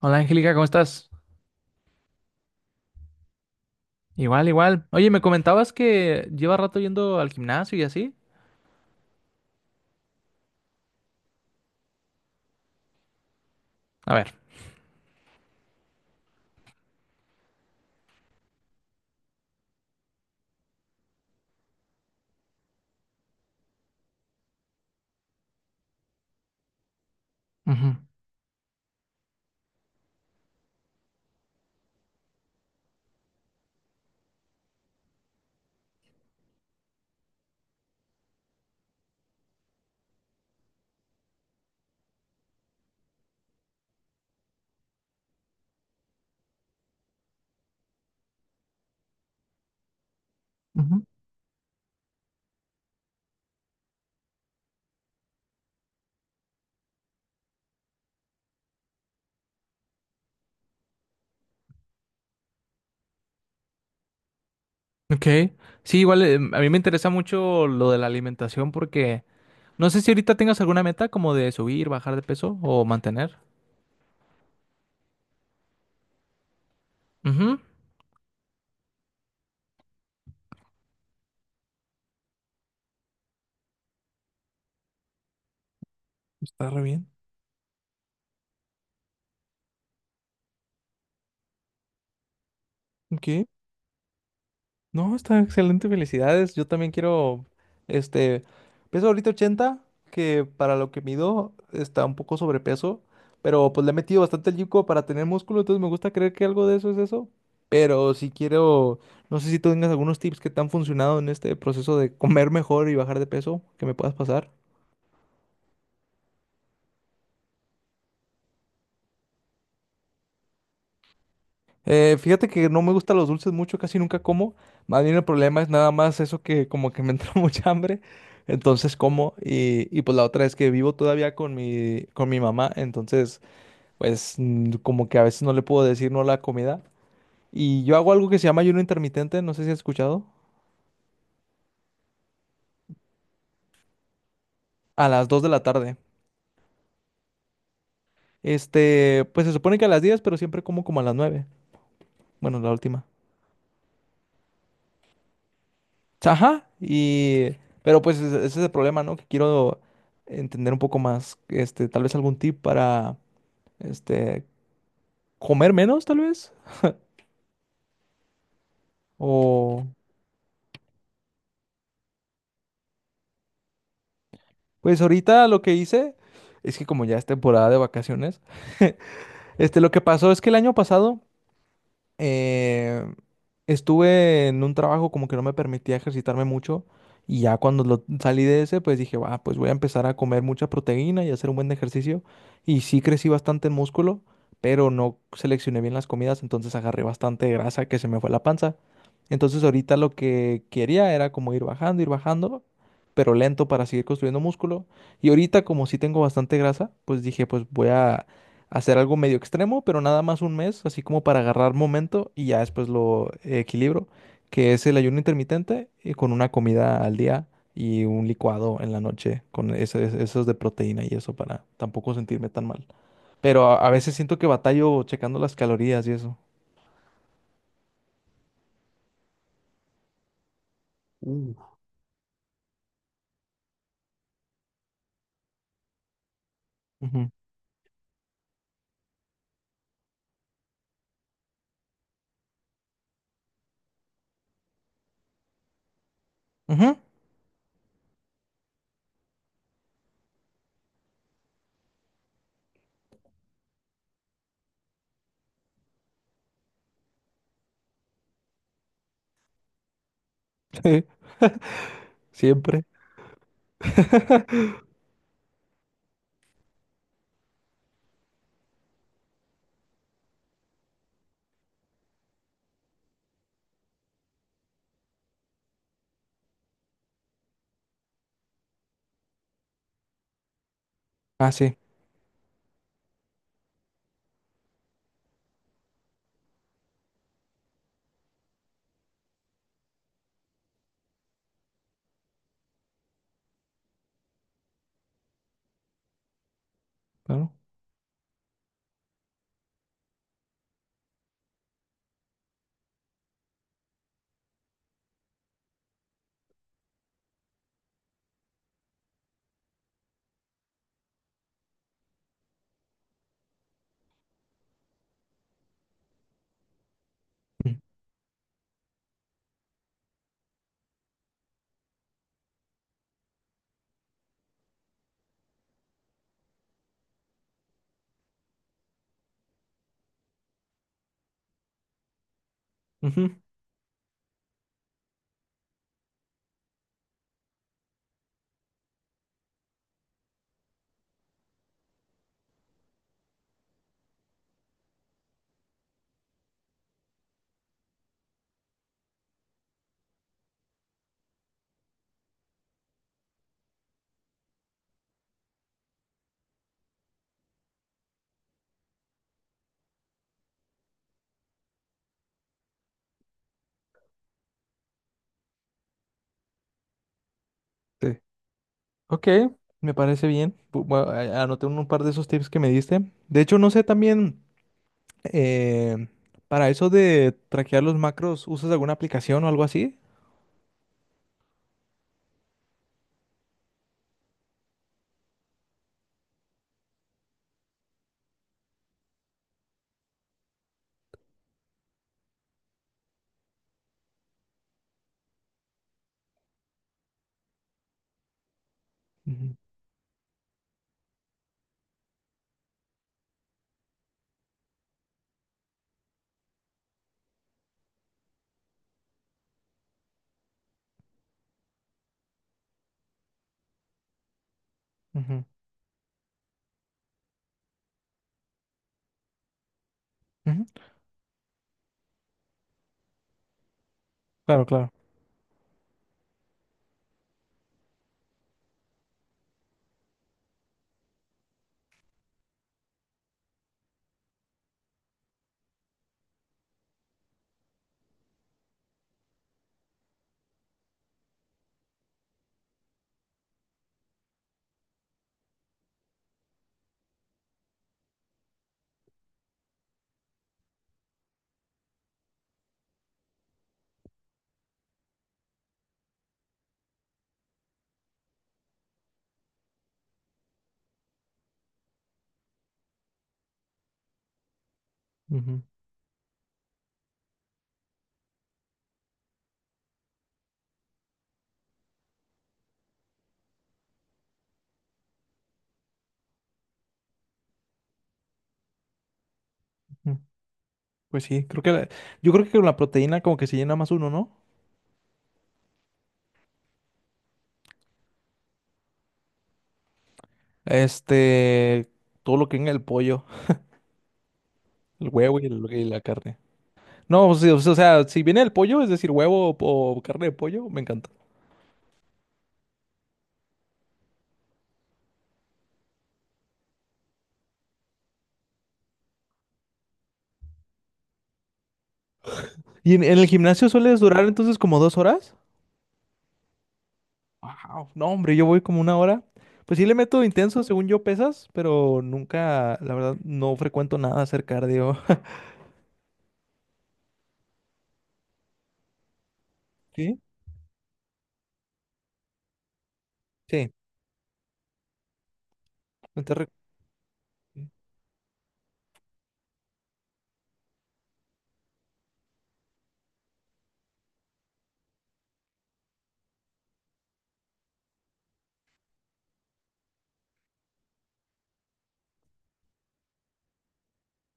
Hola Angélica, ¿cómo estás? Igual, igual. Oye, me comentabas que lleva rato yendo al gimnasio y así. A ver. Ujú, ujú. Ok. Sí, igual, a mí me interesa mucho lo de la alimentación porque no sé si ahorita tengas alguna meta como de subir, bajar de peso o mantener. Ujú. Está re bien. Ok. No, está excelente, felicidades. Yo también quiero, este, peso ahorita 80, que para lo que mido está un poco sobrepeso, pero pues le he metido bastante el yuco para tener músculo, entonces me gusta creer que algo de eso es eso. Pero si quiero, no sé si tú tengas algunos tips que te han funcionado en este proceso de comer mejor y bajar de peso, que me puedas pasar. Fíjate que no me gustan los dulces mucho, casi nunca como. Más bien el problema es nada más eso que como que me entra mucha hambre, entonces como. Y pues la otra es que vivo todavía con mi mamá, entonces pues como que a veces no le puedo decir no a la comida. Y yo hago algo que se llama ayuno intermitente, no sé si has escuchado, a las 2 de la tarde. Este, pues se supone que a las 10, pero siempre como como a las 9. Bueno, la última. Ajá, y... Pero pues ese es el problema, ¿no? Que quiero entender un poco más, tal vez algún tip para, este, comer menos, tal vez. O... Pues ahorita lo que hice es que como ya es temporada de vacaciones, este, lo que pasó es que el año pasado eh, estuve en un trabajo como que no me permitía ejercitarme mucho y ya cuando salí de ese, pues dije, va, pues voy a empezar a comer mucha proteína y hacer un buen ejercicio. Y sí crecí bastante en músculo, pero no seleccioné bien las comidas, entonces agarré bastante grasa que se me fue la panza. Entonces ahorita lo que quería era como ir bajando, pero lento para seguir construyendo músculo. Y ahorita como sí tengo bastante grasa, pues dije, pues voy a hacer algo medio extremo, pero nada más un mes, así como para agarrar momento y ya después lo equilibro, que es el ayuno intermitente con una comida al día y un licuado en la noche con esos de proteína y eso para tampoco sentirme tan mal. Pero a veces siento que batallo checando las calorías y eso. Uh, Ujú. Ujú, sí, siempre. Ah, sí, claro. Mm, ujú, sí. Ok, me parece bien. Bueno, anoté un par de esos tips que me diste. De hecho, no sé también. Eh, para eso de traquear los macros, ¿usas alguna aplicación o algo así? Ujú, ujú, ujú. Claro, claro. Ujú, ujú. Pues sí, creo que yo creo que con la proteína como que se llena más uno, ¿no? Este, todo lo que venga el pollo, el huevo y, y la carne. No, pues sí, o sea, si viene el pollo, es decir, huevo o carne de pollo, me encanta. ¿Y en el gimnasio sueles durar entonces como dos horas? Wow, no, hombre, yo voy como una hora. Pues sí le meto intenso, según yo pesas, pero nunca, la verdad, no frecuento nada hacer cardio. ¿Sí? Sí. no te re-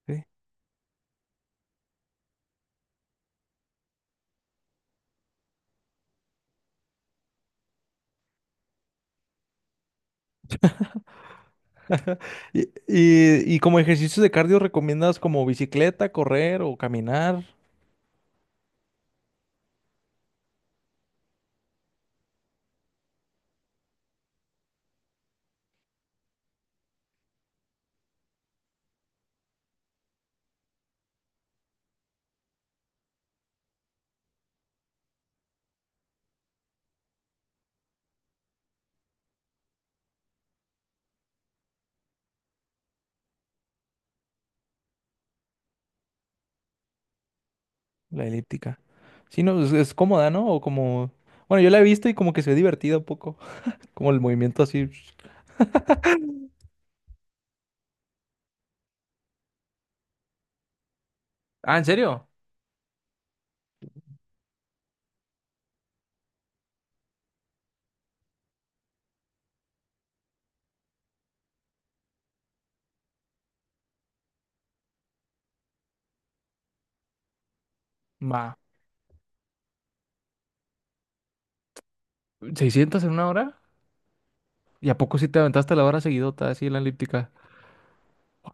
Sí. Y, y como ejercicios de cardio, ¿recomiendas como bicicleta, correr o caminar? La elíptica. Sí, no, es cómoda, ¿no? O como... Bueno, yo la he visto y como que se ve divertida un poco. Como el movimiento así. Ah, ¿en serio? Va. ¿600 en una hora? ¿Y a poco sí te aventaste la hora seguidota así en la elíptica?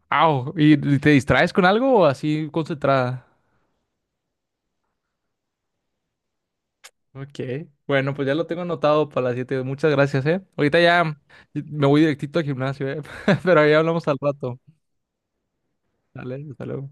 Au, y te distraes con algo o así concentrada? Ok, bueno, pues ya lo tengo anotado para las 7. Muchas gracias, ¿eh? Ahorita ya me voy directito al gimnasio, ¿eh? Pero ahí hablamos al rato. Dale, hasta luego.